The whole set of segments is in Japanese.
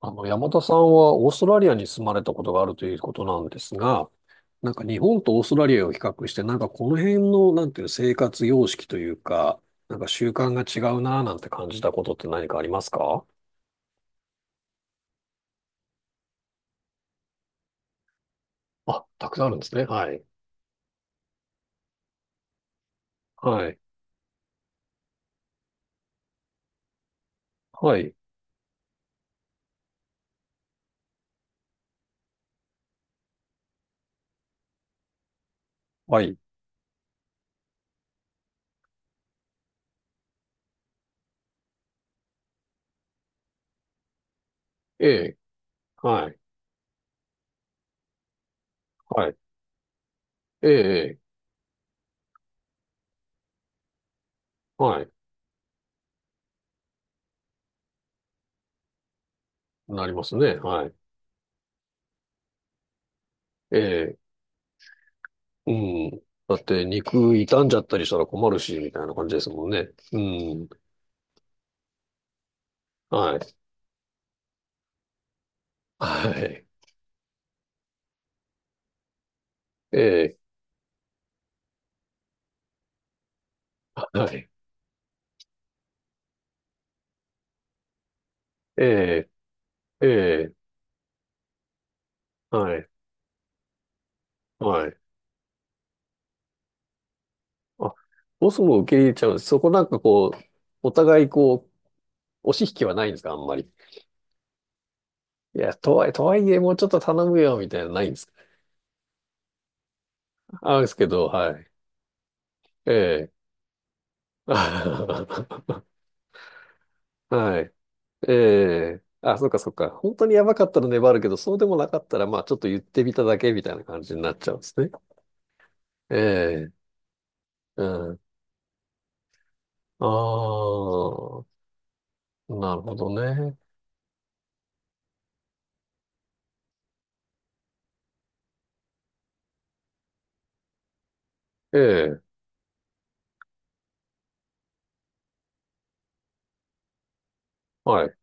山田さんはオーストラリアに住まれたことがあるということなんですが、なんか日本とオーストラリアを比較して、なんかこの辺の、なんていう生活様式というか、なんか習慣が違うなぁなんて感じたことって何かありますか？あ、たくさんあるんですね。はい。はい。はい。はい。ええ。はい。はい。ええ。ええ、はい。なりますね。はい。ええ。うん。だって肉傷んじゃったりしたら困るし、みたいな感じですもんね。うん。はい。はい。ええ。はい。ええ、ええ、はい、はい。あ、ボスも受け入れちゃうんです。そこなんかこう、お互いこう、押し引きはないんですか、あんまり。いや、とはいえ、とはいえ、もうちょっと頼むよ、みたいなのないんですか。あ、ですけど、はい。ええ。はい。ええ。あ、そっかそっか。本当にやばかったら粘るけど、そうでもなかったら、まあ、ちょっと言ってみただけみたいな感じになっちゃうんですね。ええ。うん。ああ、なるほどね。ええ。はい。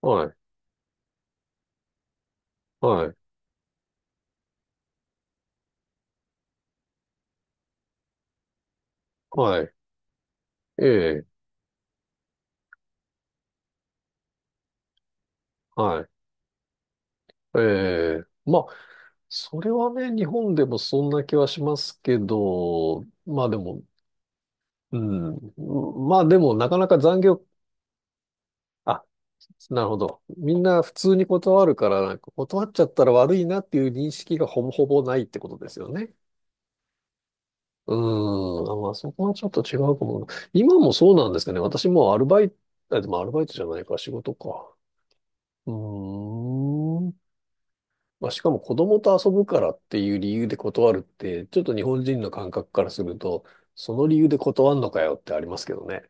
はい。はい。はい。ええ、はい。ええ、まあ、それはね、日本でもそんな気はしますけど、まあでも、うん、まあでも、なかなか残業、あ、なるほど。みんな普通に断るから、なんか断っちゃったら悪いなっていう認識がほぼほぼないってことですよね。うーん、あ、まあそこはちょっと違うかも。今もそうなんですかね？私もうアルバイト、あ、でもアルバイトじゃないか、仕事か。うーん。まあ、しかも子供と遊ぶからっていう理由で断るって、ちょっと日本人の感覚からすると、その理由で断んのかよってありますけどね。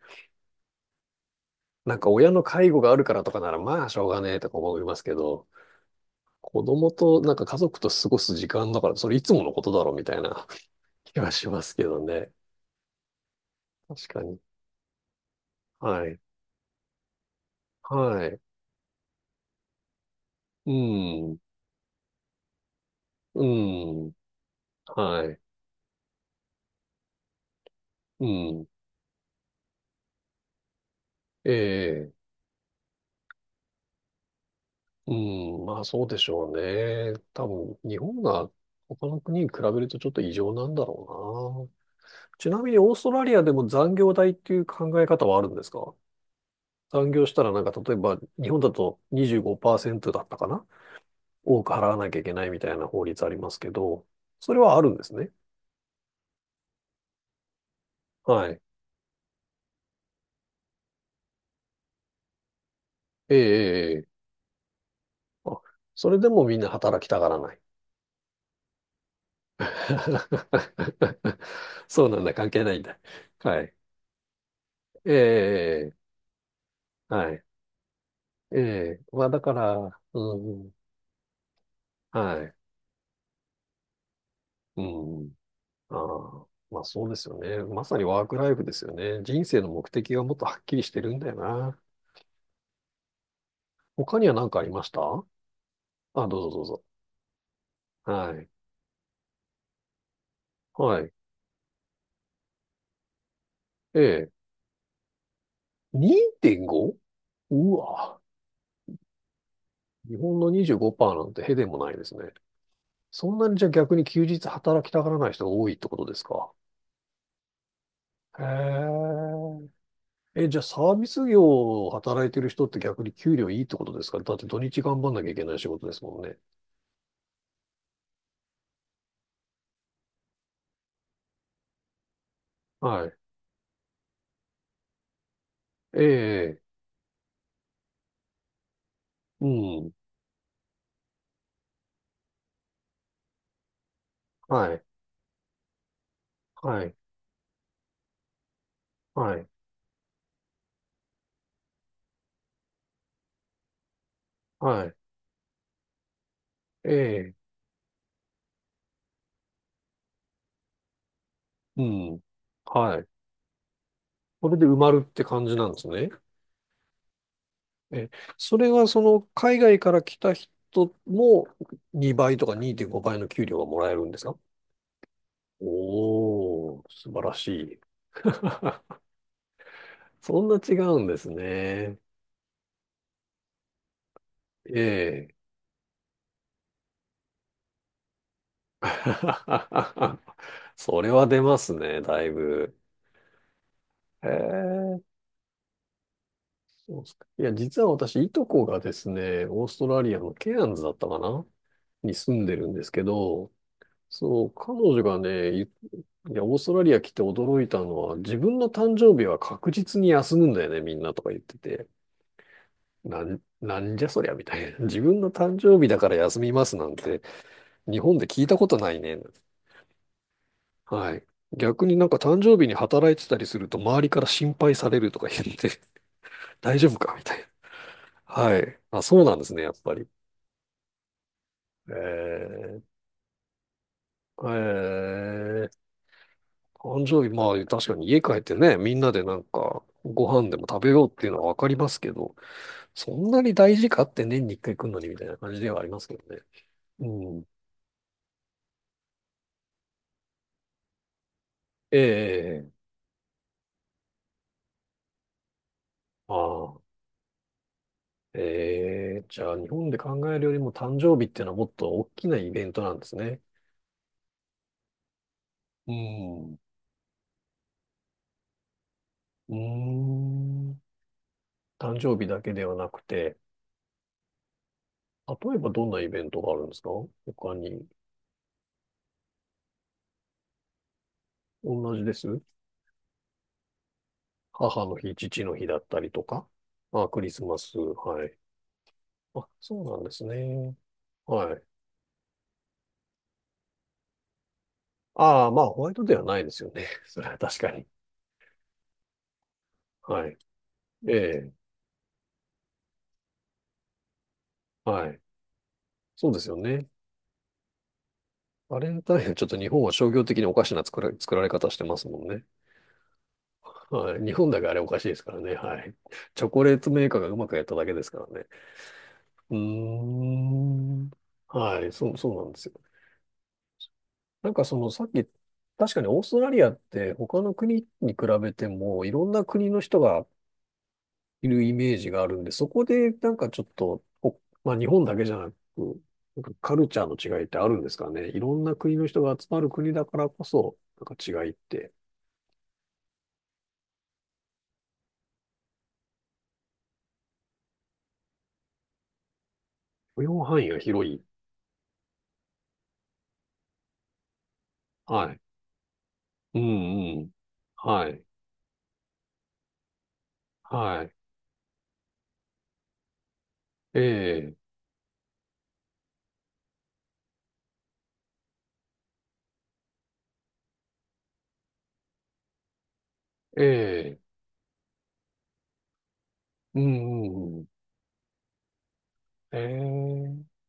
なんか親の介護があるからとかならまあしょうがねえとか思いますけど、子供となんか家族と過ごす時間だからそれいつものことだろうみたいな 気がしますけどね。確かに。はい。はい。うん。うん。はい。うん。ええ、うん、まあそうでしょうね。多分、日本が他の国に比べるとちょっと異常なんだろうな。ちなみにオーストラリアでも残業代っていう考え方はあるんですか？残業したらなんか例えば日本だと25%だったかな、多く払わなきゃいけないみたいな法律ありますけど、それはあるんですね。はい。ええ、ええ、ええ、あ、それでもみんな働きたがらない。そうなんだ、関係ないんだ。はい。ええ、ええ、ええ、はい。ええ、まあだから、うん、はい、うん、ああ、まあそうですよね。まさにワークライフですよね。人生の目的がもっとはっきりしてるんだよな。他には何かありました？あ、どうぞどうぞ。はい、はい、ええ、2.5？ うわ、日本の25%なんてへでもないですね。そんなにじゃあ逆に休日働きたがらない人が多いってことですか？へえ。え、じゃあサービス業を働いてる人って逆に給料いいってことですか？だって土日頑張んなきゃいけない仕事ですもんね。はい。ええ、うん。はい。はい。はい。はい。ええ、うん。はい。それで埋まるって感じなんですね。え、それはその海外から来た人も2倍とか2.5倍の給料がもらえるんですか？おー、素晴らしい。そんな違うんですね。ええ。それは出ますね、だいぶ。へえ、そうですか。いや、実は私、いとこがですね、オーストラリアのケアンズだったかなに住んでるんですけど、そう、彼女がね、いいや、オーストラリア来て驚いたのは、自分の誕生日は確実に休むんだよね、みんなとか言ってて。なん、なんじゃそりゃ、みたいな。自分の誕生日だから休みますなんて、日本で聞いたことないね。はい。逆になんか誕生日に働いてたりすると周りから心配されるとか言って 大丈夫かみたいな。はい。あ、そうなんですね、やっぱり。えー、えー、誕生日、まあ確かに家帰ってね、みんなでなんかご飯でも食べようっていうのはわかりますけど、そんなに大事かって年に一回来るのにみたいな感じではありますけどね。うん。ええ、ああ、ええ、じゃあ日本で考えるよりも誕生日っていうのはもっと大きなイベントなんですね。うん。うーん。誕生日だけではなくて、例えばどんなイベントがあるんですか、他に？同じです。母の日、父の日だったりとか。あ、クリスマス。はい。あ、そうなんですね。はい。ああ、まあ、ホワイトではないですよね。それは確かに。はい。ええ。はい。そうですよね。バレンタインはちょっと日本は商業的におかしな作られ方してますもんね。はい。日本だけあれおかしいですからね。はい。チョコレートメーカーがうまくやっただけですからね。うーん。はい、そう、そうなんですよ。なんかそのさっき、確かにオーストラリアって他の国に比べてもいろんな国の人がいるイメージがあるんで、そこでなんかちょっと、お、まあ日本だけじゃなく、なんかカルチャーの違いってあるんですかね？いろんな国の人が集まる国だからこそ、なんか違いって、許容範囲が広い。はい。うんうん。はい。はい。ええ、ええ、うんうんうん。ええ。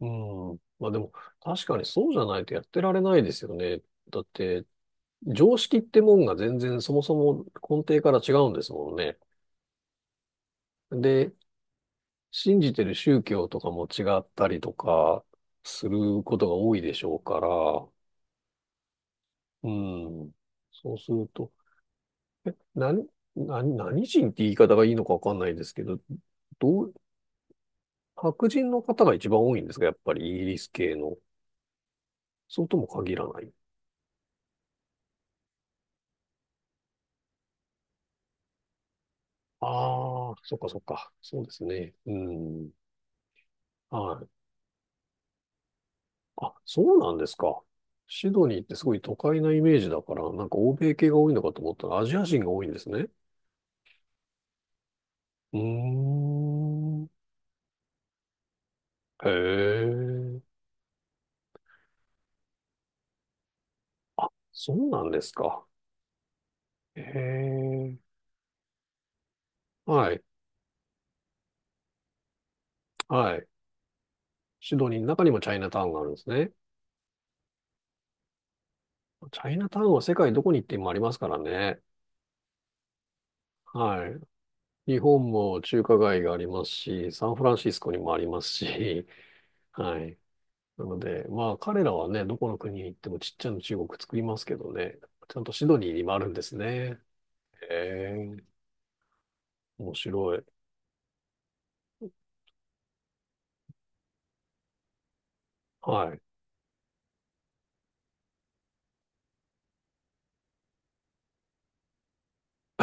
うん。まあでも、確かにそうじゃないとやってられないですよね。だって、常識ってもんが全然そもそも根底から違うんですもんね。で、信じてる宗教とかも違ったりとかすることが多いでしょうから、うん。そうすると、え、何、何、何人って言い方がいいのかわかんないですけど、どう、白人の方が一番多いんですか、やっぱりイギリス系の？そうとも限らない。ああ、そっかそっか。そうですね。うん。はい。あ、そうなんですか。シドニーってすごい都会なイメージだから、なんか欧米系が多いのかと思ったらアジア人が多いんですね。うーん。へえ。あ、そうなんですか。へえ。はい。はい。シドニーの中にもチャイナタウンがあるんですね。チャイナタウンは世界どこに行ってもありますからね。はい。日本も中華街がありますし、サンフランシスコにもありますし、はい。なので、まあ彼らはね、どこの国に行ってもちっちゃな中国作りますけどね、ちゃんとシドニーにもあるんですね。ええ、面白い。はい。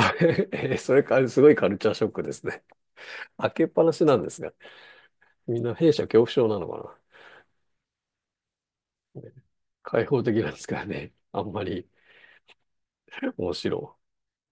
えー、それからすごいカルチャーショックですね。開けっぱなしなんですが、みんな弊社恐怖症なのかな。ね、開放的なんですからね、あんまり面白い。